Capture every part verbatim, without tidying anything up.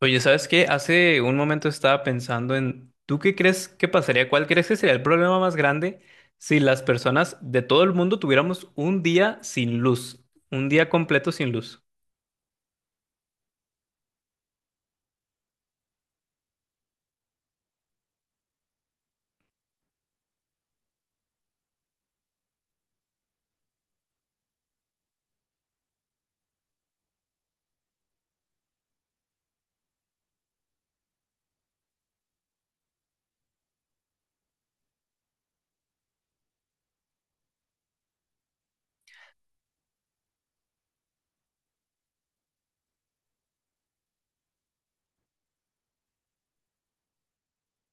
Oye, ¿sabes qué? Hace un momento estaba pensando en, ¿tú qué crees que pasaría? ¿Cuál crees que sería el problema más grande si las personas de todo el mundo tuviéramos un día sin luz? Un día completo sin luz.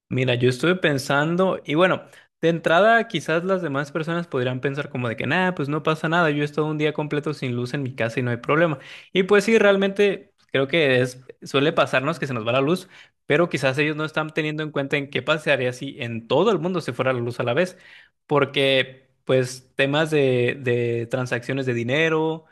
Mira, yo estuve pensando, y bueno, de entrada quizás las demás personas podrían pensar como de que nada, pues no pasa nada, yo he estado un día completo sin luz en mi casa y no hay problema. Y pues sí, realmente creo que es, suele pasarnos que se nos va la luz, pero quizás ellos no están teniendo en cuenta en qué pasaría si en todo el mundo se fuera la luz a la vez, porque pues temas de, de transacciones de dinero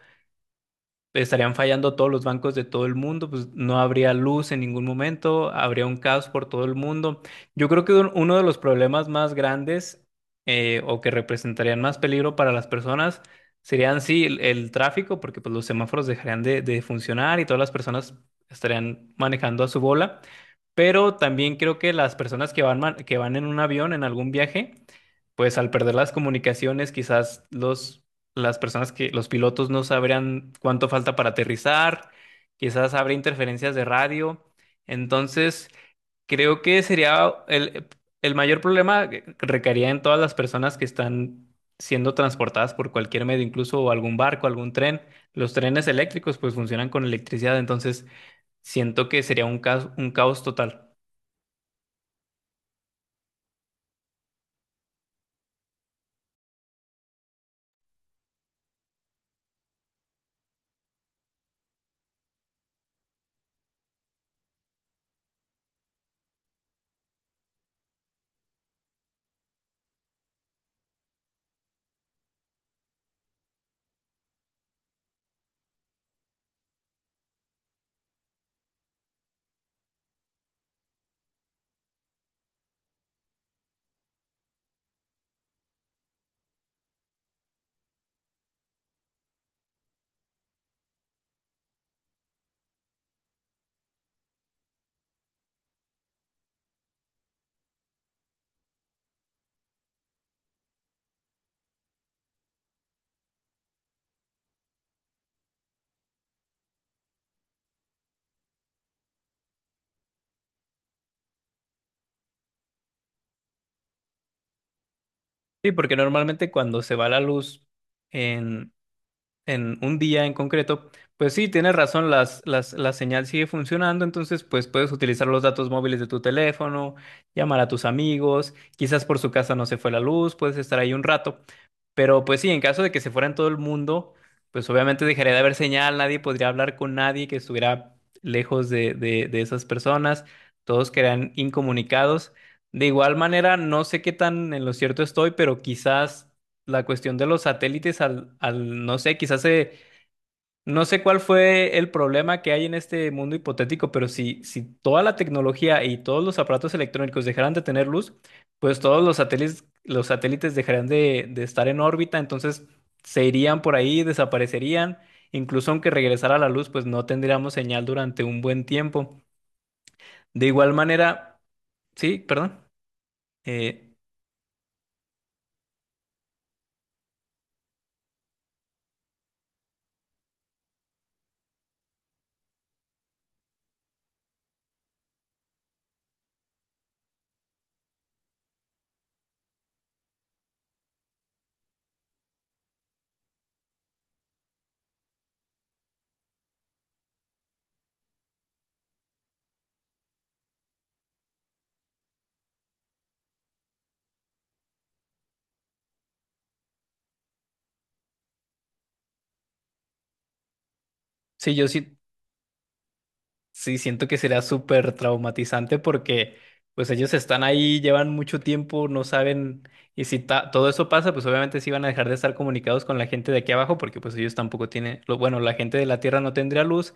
estarían fallando todos los bancos de todo el mundo, pues no habría luz en ningún momento, habría un caos por todo el mundo. Yo creo que un- uno de los problemas más grandes, eh, o que representarían más peligro para las personas, serían sí el, el tráfico, porque pues los semáforos dejarían de, de funcionar y todas las personas estarían manejando a su bola. Pero también creo que las personas que van, man- que van en un avión, en algún viaje, pues al perder las comunicaciones, quizás los las personas que los pilotos no sabrían cuánto falta para aterrizar, quizás habrá interferencias de radio. Entonces, creo que sería el, el mayor problema que recaería en todas las personas que están siendo transportadas por cualquier medio, incluso algún barco, algún tren. Los trenes eléctricos pues funcionan con electricidad, entonces siento que sería un caos, un caos total. Sí, porque normalmente cuando se va la luz en un día en concreto, pues sí, tienes razón, las, las, la señal sigue funcionando, entonces pues puedes utilizar los datos móviles de tu teléfono, llamar a tus amigos, quizás por su casa no se fue la luz, puedes estar ahí un rato, pero pues sí, en caso de que se fuera en todo el mundo, pues obviamente dejaría de haber señal, nadie podría hablar con nadie que estuviera lejos de, de, de esas personas, todos quedarían incomunicados. De igual manera, no sé qué tan en lo cierto estoy, pero quizás la cuestión de los satélites al, al no sé, quizás se, no sé cuál fue el problema que hay en este mundo hipotético, pero si, si toda la tecnología y todos los aparatos electrónicos dejaran de tener luz, pues todos los satélites, los satélites dejarían de, de estar en órbita, entonces se irían por ahí, desaparecerían, incluso aunque regresara la luz, pues no tendríamos señal durante un buen tiempo. De igual manera, sí, perdón, eh, sí, yo sí. Sí, siento que será súper traumatizante porque pues ellos están ahí, llevan mucho tiempo, no saben, y si ta- todo eso pasa, pues obviamente sí van a dejar de estar comunicados con la gente de aquí abajo porque pues ellos tampoco tienen, lo, bueno, la gente de la Tierra no tendría luz,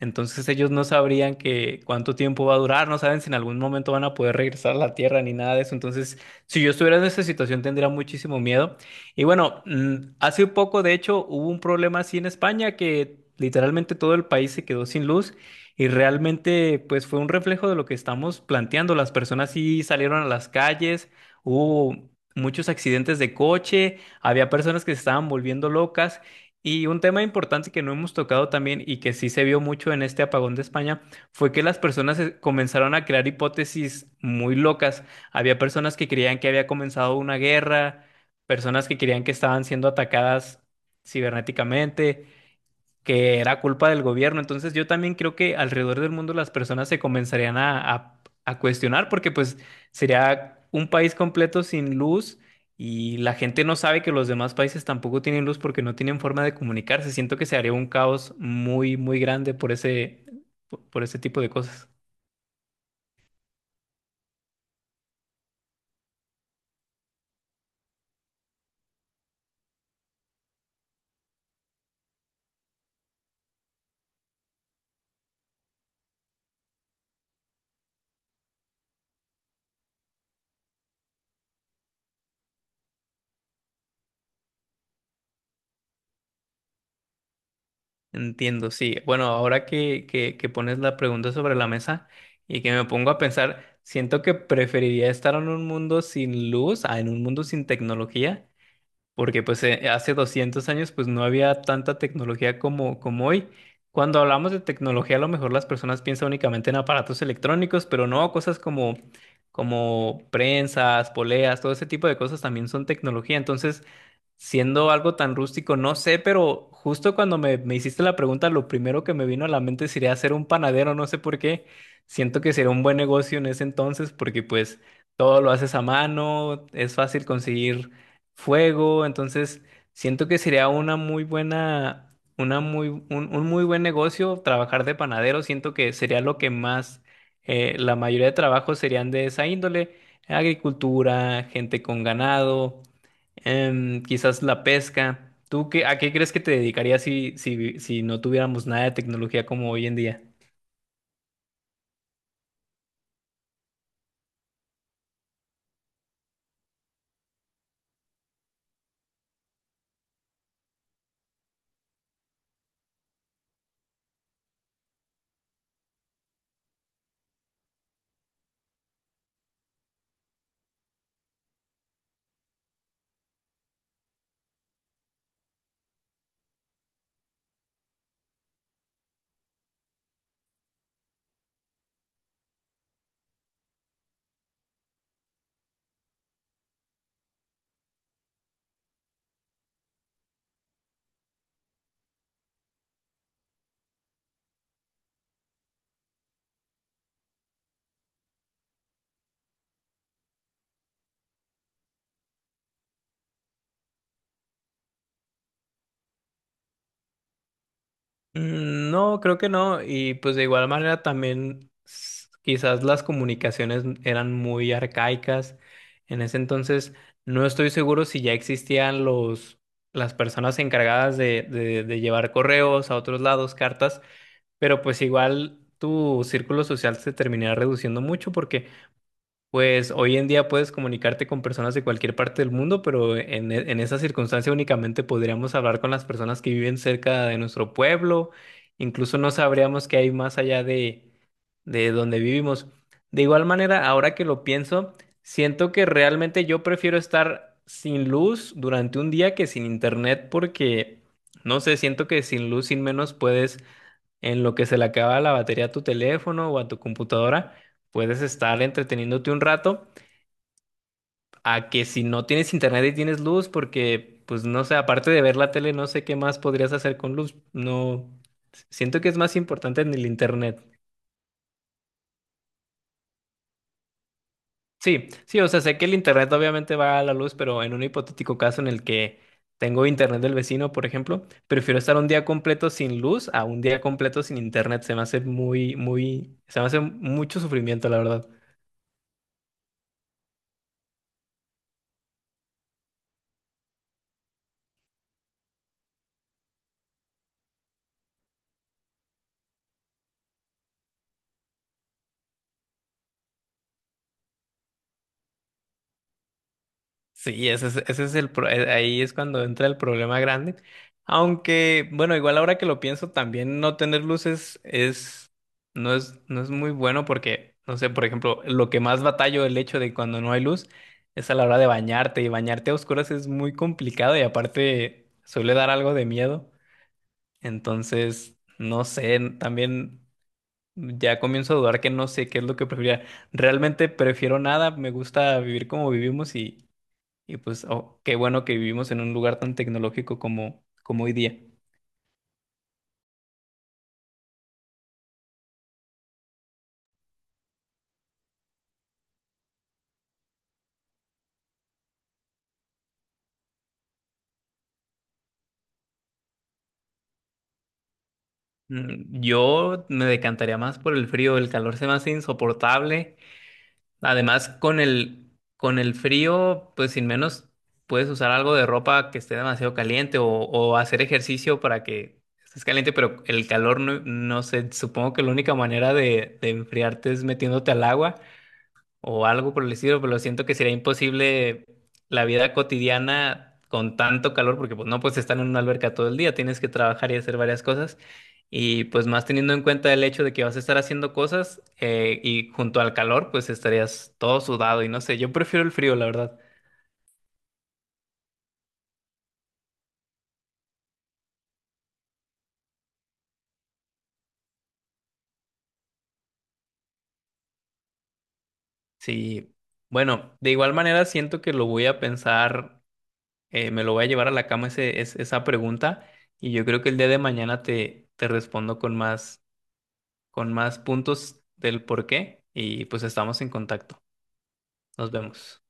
entonces ellos no sabrían que cuánto tiempo va a durar, no saben si en algún momento van a poder regresar a la Tierra ni nada de eso, entonces si yo estuviera en esa situación tendría muchísimo miedo. Y bueno, mm, hace poco de hecho hubo un problema así en España que literalmente todo el país se quedó sin luz. Y realmente, pues fue un reflejo de lo que estamos planteando. Las personas sí salieron a las calles, hubo muchos accidentes de coche, había personas que se estaban volviendo locas. Y un tema importante que no hemos tocado también y que sí se vio mucho en este apagón de España fue que las personas, eh, comenzaron a crear hipótesis muy locas. Había personas que creían que había comenzado una guerra, personas que creían que estaban siendo atacadas cibernéticamente, que era culpa del gobierno. Entonces yo también creo que alrededor del mundo las personas se comenzarían a, a- a cuestionar, porque pues sería un país completo sin luz y la gente no sabe que los demás países tampoco tienen luz porque no tienen forma de comunicarse. Siento que se haría un caos muy, muy grande por ese, por por ese tipo de cosas. Entiendo, sí. Bueno, ahora que, que, que pones la pregunta sobre la mesa y que me pongo a pensar, siento que preferiría estar en un mundo sin luz, a en un mundo sin tecnología, porque pues eh, hace doscientos años pues no había tanta tecnología como, como hoy. Cuando hablamos de tecnología, a lo mejor las personas piensan únicamente en aparatos electrónicos, pero no, cosas como, como prensas, poleas, todo ese tipo de cosas también son tecnología. Entonces, siendo algo tan rústico, no sé, pero justo cuando me, me hiciste la pregunta, lo primero que me vino a la mente sería hacer un panadero, no sé por qué. Siento que sería un buen negocio en ese entonces porque pues todo lo haces a mano, es fácil conseguir fuego, entonces siento que sería una muy buena, una muy, un, un muy buen negocio trabajar de panadero, siento que sería lo que más, eh, la mayoría de trabajos serían de esa índole, agricultura, gente con ganado. Em, quizás la pesca. ¿Tú qué, a qué crees que te dedicarías si, si, si no tuviéramos nada de tecnología como hoy en día? Mm, No, creo que no. Y pues de igual manera también s- quizás las comunicaciones eran muy arcaicas. En ese entonces no estoy seguro si ya existían los, las personas encargadas de, de, de llevar correos a otros lados, cartas, pero pues igual tu círculo social se terminará reduciendo mucho porque... Pues hoy en día puedes comunicarte con personas de cualquier parte del mundo, pero en, e- en esa circunstancia únicamente podríamos hablar con las personas que viven cerca de nuestro pueblo, incluso no sabríamos qué hay más allá de, de donde vivimos. De igual manera, ahora que lo pienso, siento que realmente yo prefiero estar sin luz durante un día que sin internet, porque no sé, siento que sin luz, sin menos puedes, en lo que se le acaba la batería a tu teléfono o a tu computadora, puedes estar entreteniéndote un rato, a que si no tienes internet y tienes luz, porque pues no sé, aparte de ver la tele, no sé qué más podrías hacer con luz. No, siento que es más importante en el internet. Sí, sí, o sea, sé que el internet obviamente va a la luz, pero en un hipotético caso en el que tengo internet del vecino, por ejemplo, prefiero estar un día completo sin luz a un día completo sin internet. Se me hace muy, muy, se me hace mucho sufrimiento, la verdad. Sí, ese es, ese es el pro- eh, ahí es cuando entra el problema grande. Aunque, bueno, igual ahora que lo pienso, también no tener luces es no es no es muy bueno porque, no sé, por ejemplo, lo que más batallo el hecho de cuando no hay luz es a la hora de bañarte, y bañarte a oscuras es muy complicado y aparte suele dar algo de miedo. Entonces, no sé, también ya comienzo a dudar que no sé qué es lo que preferiría. Realmente prefiero nada, me gusta vivir como vivimos y pues, oh, qué bueno que vivimos en un lugar tan tecnológico como, como hoy día. Mm, Yo me decantaría más por el frío, el calor se me hace insoportable. Además, con el, con el frío, pues sin menos puedes usar algo de ropa que esté demasiado caliente, o, o hacer ejercicio para que estés caliente, pero el calor no, no sé, supongo que la única manera de, de enfriarte es metiéndote al agua o algo por el estilo, pero siento que sería imposible la vida cotidiana con tanto calor, porque pues no, pues estar en una alberca todo el día, tienes que trabajar y hacer varias cosas. Y pues más teniendo en cuenta el hecho de que vas a estar haciendo cosas, eh, y junto al calor, pues estarías todo sudado y no sé, yo prefiero el frío, la verdad. Sí, bueno, de igual manera siento que lo voy a pensar, eh, me lo voy a llevar a la cama ese, es- esa pregunta y yo creo que el día de mañana te, te respondo con más, con más puntos del por qué, y pues estamos en contacto. Nos vemos.